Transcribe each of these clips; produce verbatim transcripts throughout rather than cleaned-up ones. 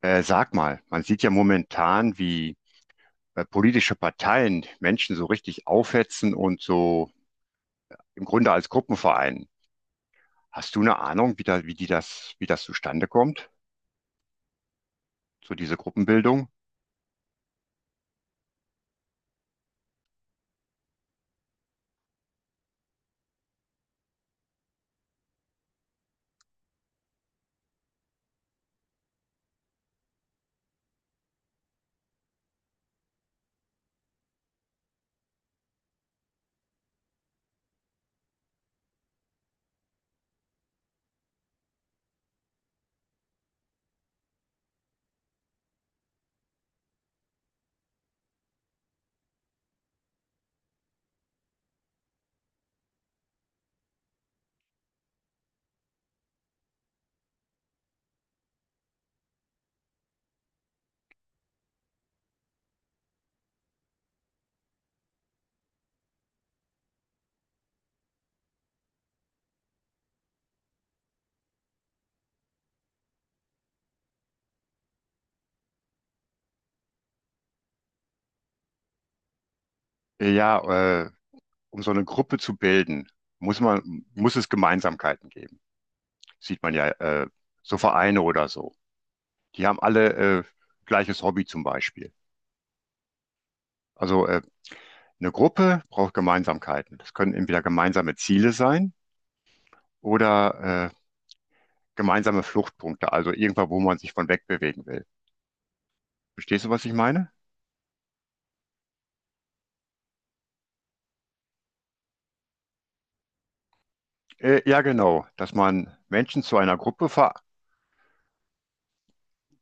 Äh, sag mal, man sieht ja momentan, wie äh, politische Parteien Menschen so richtig aufhetzen und so im Grunde als Gruppenverein. Hast du eine Ahnung, wie da, wie die das, wie das zustande kommt, so diese Gruppenbildung? Äh, Ja, äh, um so eine Gruppe zu bilden, muss man, muss es Gemeinsamkeiten geben. Sieht man ja, äh, so Vereine oder so. Die haben alle äh, gleiches Hobby zum Beispiel. Also äh, eine Gruppe braucht Gemeinsamkeiten. Das können entweder gemeinsame Ziele sein oder äh, gemeinsame Fluchtpunkte, also irgendwo, wo man sich von wegbewegen will. Verstehst du, was ich meine? Äh, ja, genau, dass man Menschen zu einer Gruppe ver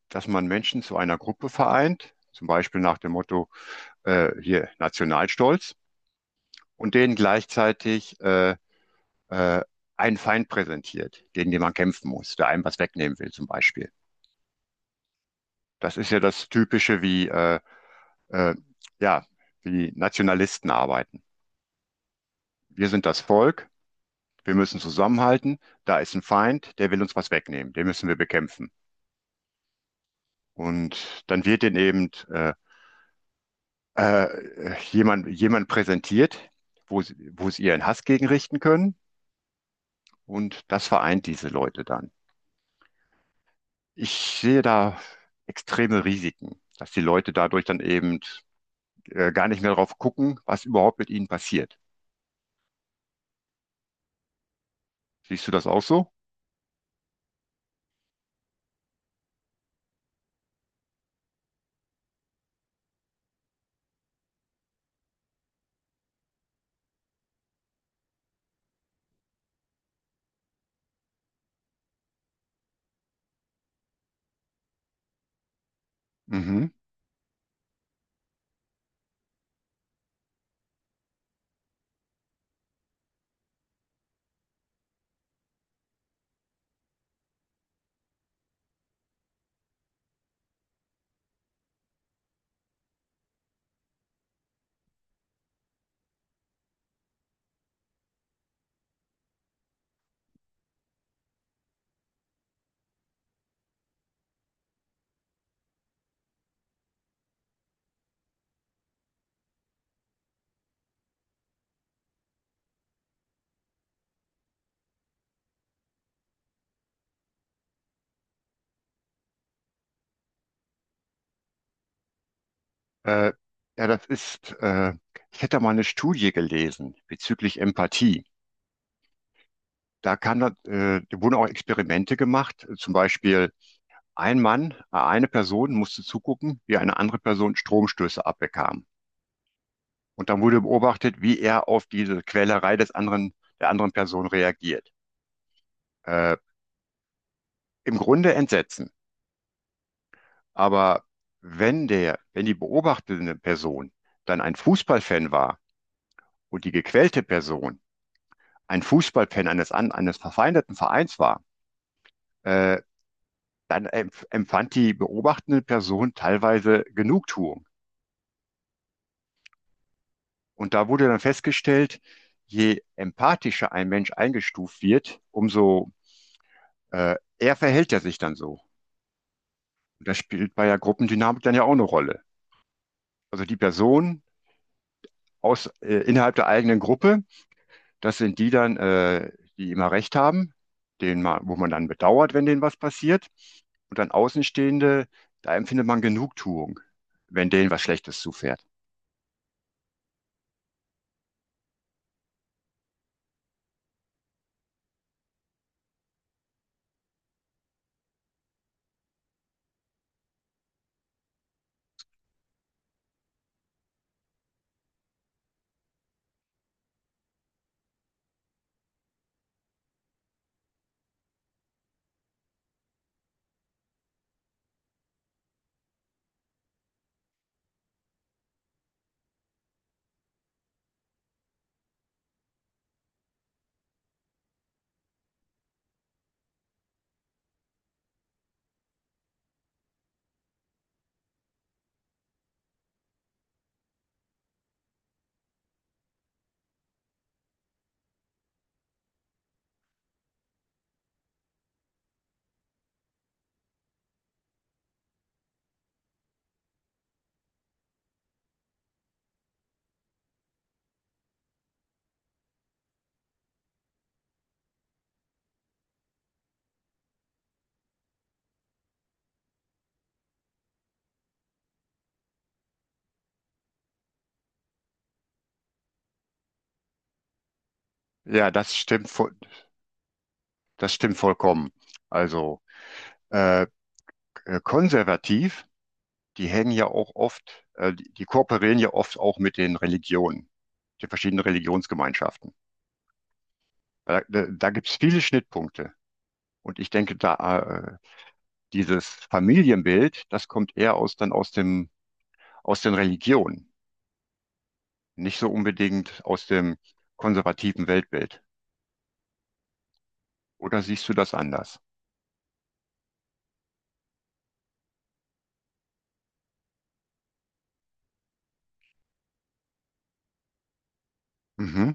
dass man Menschen zu einer Gruppe vereint, zum Beispiel nach dem Motto äh, hier Nationalstolz und denen gleichzeitig äh, äh, einen Feind präsentiert, gegen den man kämpfen muss, der einem was wegnehmen will, zum Beispiel. Das ist ja das Typische, wie äh, äh, ja, wie Nationalisten arbeiten. Wir sind das Volk. Wir müssen zusammenhalten. Da ist ein Feind, der will uns was wegnehmen. Den müssen wir bekämpfen. Und dann wird denen eben äh, äh, jemand, jemand präsentiert, wo sie, wo sie ihren Hass gegen richten können. Und das vereint diese Leute dann. Ich sehe da extreme Risiken, dass die Leute dadurch dann eben äh, gar nicht mehr drauf gucken, was überhaupt mit ihnen passiert. Siehst du das auch so? Mhm. Äh, ja, das ist, äh, ich hätte da mal eine Studie gelesen bezüglich Empathie. Da kam äh, da wurden auch Experimente gemacht. Zum Beispiel ein Mann, äh, eine Person musste zugucken, wie eine andere Person Stromstöße abbekam. Und dann wurde beobachtet, wie er auf diese Quälerei des anderen, der anderen Person reagiert. Äh, Im Grunde Entsetzen. Aber wenn der, wenn die beobachtende Person dann ein Fußballfan war und die gequälte Person ein Fußballfan eines, an- eines verfeindeten Vereins war, äh, dann empf- empfand die beobachtende Person teilweise Genugtuung. Und da wurde dann festgestellt, je empathischer ein Mensch eingestuft wird, umso äh, eher verhält er sich dann so. Und das spielt bei der Gruppendynamik dann ja auch eine Rolle. Also die Person aus, äh, innerhalb der eigenen Gruppe, das sind die dann, äh, die immer recht haben, denen man, wo man dann bedauert, wenn denen was passiert. Und dann Außenstehende, da empfindet man Genugtuung, wenn denen was Schlechtes zufährt. Ja, das stimmt, voll- das stimmt vollkommen. Also äh, äh, konservativ, die hängen ja auch oft, äh, die, die kooperieren ja oft auch mit den Religionen, den verschiedenen Religionsgemeinschaften. Da, da, da gibt es viele Schnittpunkte. Und ich denke, da äh, dieses Familienbild, das kommt eher aus dann aus dem aus den Religionen, nicht so unbedingt aus dem konservativen Weltbild. Oder siehst du das anders? Mhm.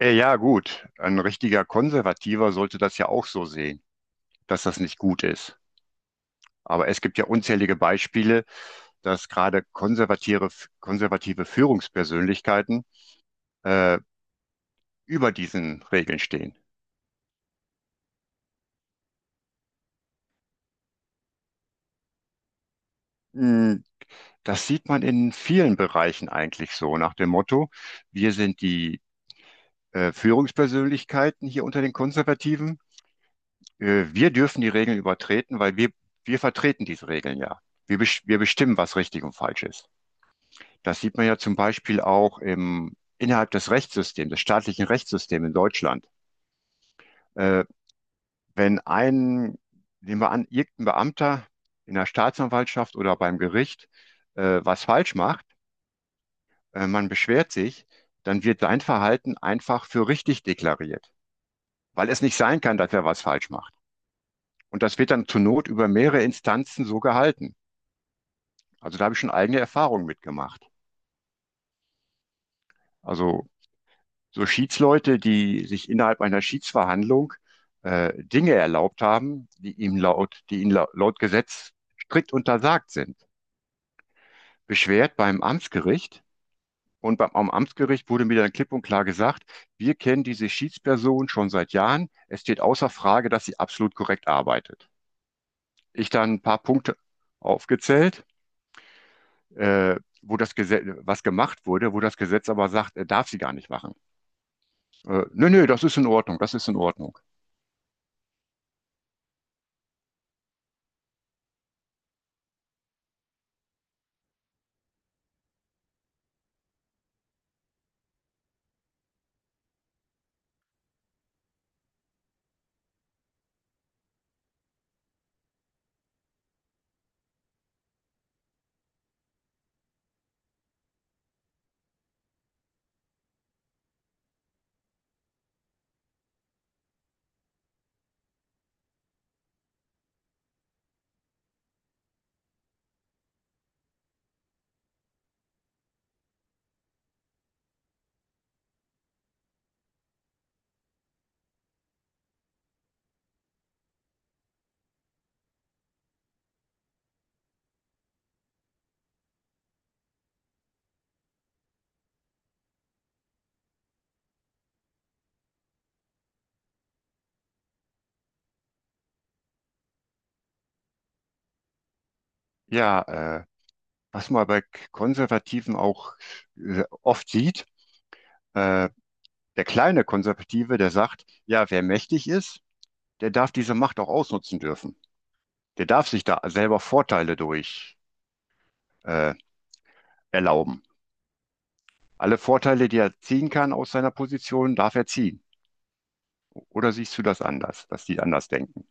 Äh, ja, gut. Ein richtiger Konservativer sollte das ja auch so sehen, dass das nicht gut ist. Aber es gibt ja unzählige Beispiele, dass gerade konservative, konservative Führungspersönlichkeiten äh, über diesen Regeln stehen. Mm. Das sieht man in vielen Bereichen eigentlich so, nach dem Motto, wir sind die äh, Führungspersönlichkeiten hier unter den Konservativen. Äh, wir dürfen die Regeln übertreten, weil wir, wir vertreten diese Regeln ja. Wir, Wir bestimmen, was richtig und falsch ist. Das sieht man ja zum Beispiel auch im, innerhalb des Rechtssystems, des staatlichen Rechtssystems in Deutschland. Äh, wenn ein, Nehmen wir an, irgendein Beamter in der Staatsanwaltschaft oder beim Gericht äh, was falsch macht, äh, man beschwert sich, dann wird sein Verhalten einfach für richtig deklariert, weil es nicht sein kann, dass er was falsch macht. Und das wird dann zur Not über mehrere Instanzen so gehalten. Also da habe ich schon eigene Erfahrungen mitgemacht. Also so Schiedsleute, die sich innerhalb einer Schiedsverhandlung äh, Dinge erlaubt haben, die ihm laut, die ihnen laut, laut Gesetz strikt untersagt sind. Beschwert beim Amtsgericht und beim, am Amtsgericht wurde mir dann klipp und klar gesagt, wir kennen diese Schiedsperson schon seit Jahren. Es steht außer Frage, dass sie absolut korrekt arbeitet. Ich dann ein paar Punkte aufgezählt, äh, wo das Gesetz, was gemacht wurde, wo das Gesetz aber sagt, er darf sie gar nicht machen. Äh, nö, nö, das ist in Ordnung, das ist in Ordnung. Ja, äh, Was man bei Konservativen auch äh, oft sieht, äh, der kleine Konservative, der sagt, ja, wer mächtig ist, der darf diese Macht auch ausnutzen dürfen. Der darf sich da selber Vorteile durch äh, erlauben. Alle Vorteile, die er ziehen kann aus seiner Position, darf er ziehen. Oder siehst du das anders, dass die anders denken?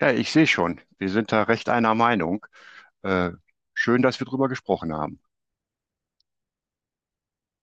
Ja, ich sehe schon, wir sind da recht einer Meinung. Äh, Schön, dass wir drüber gesprochen haben.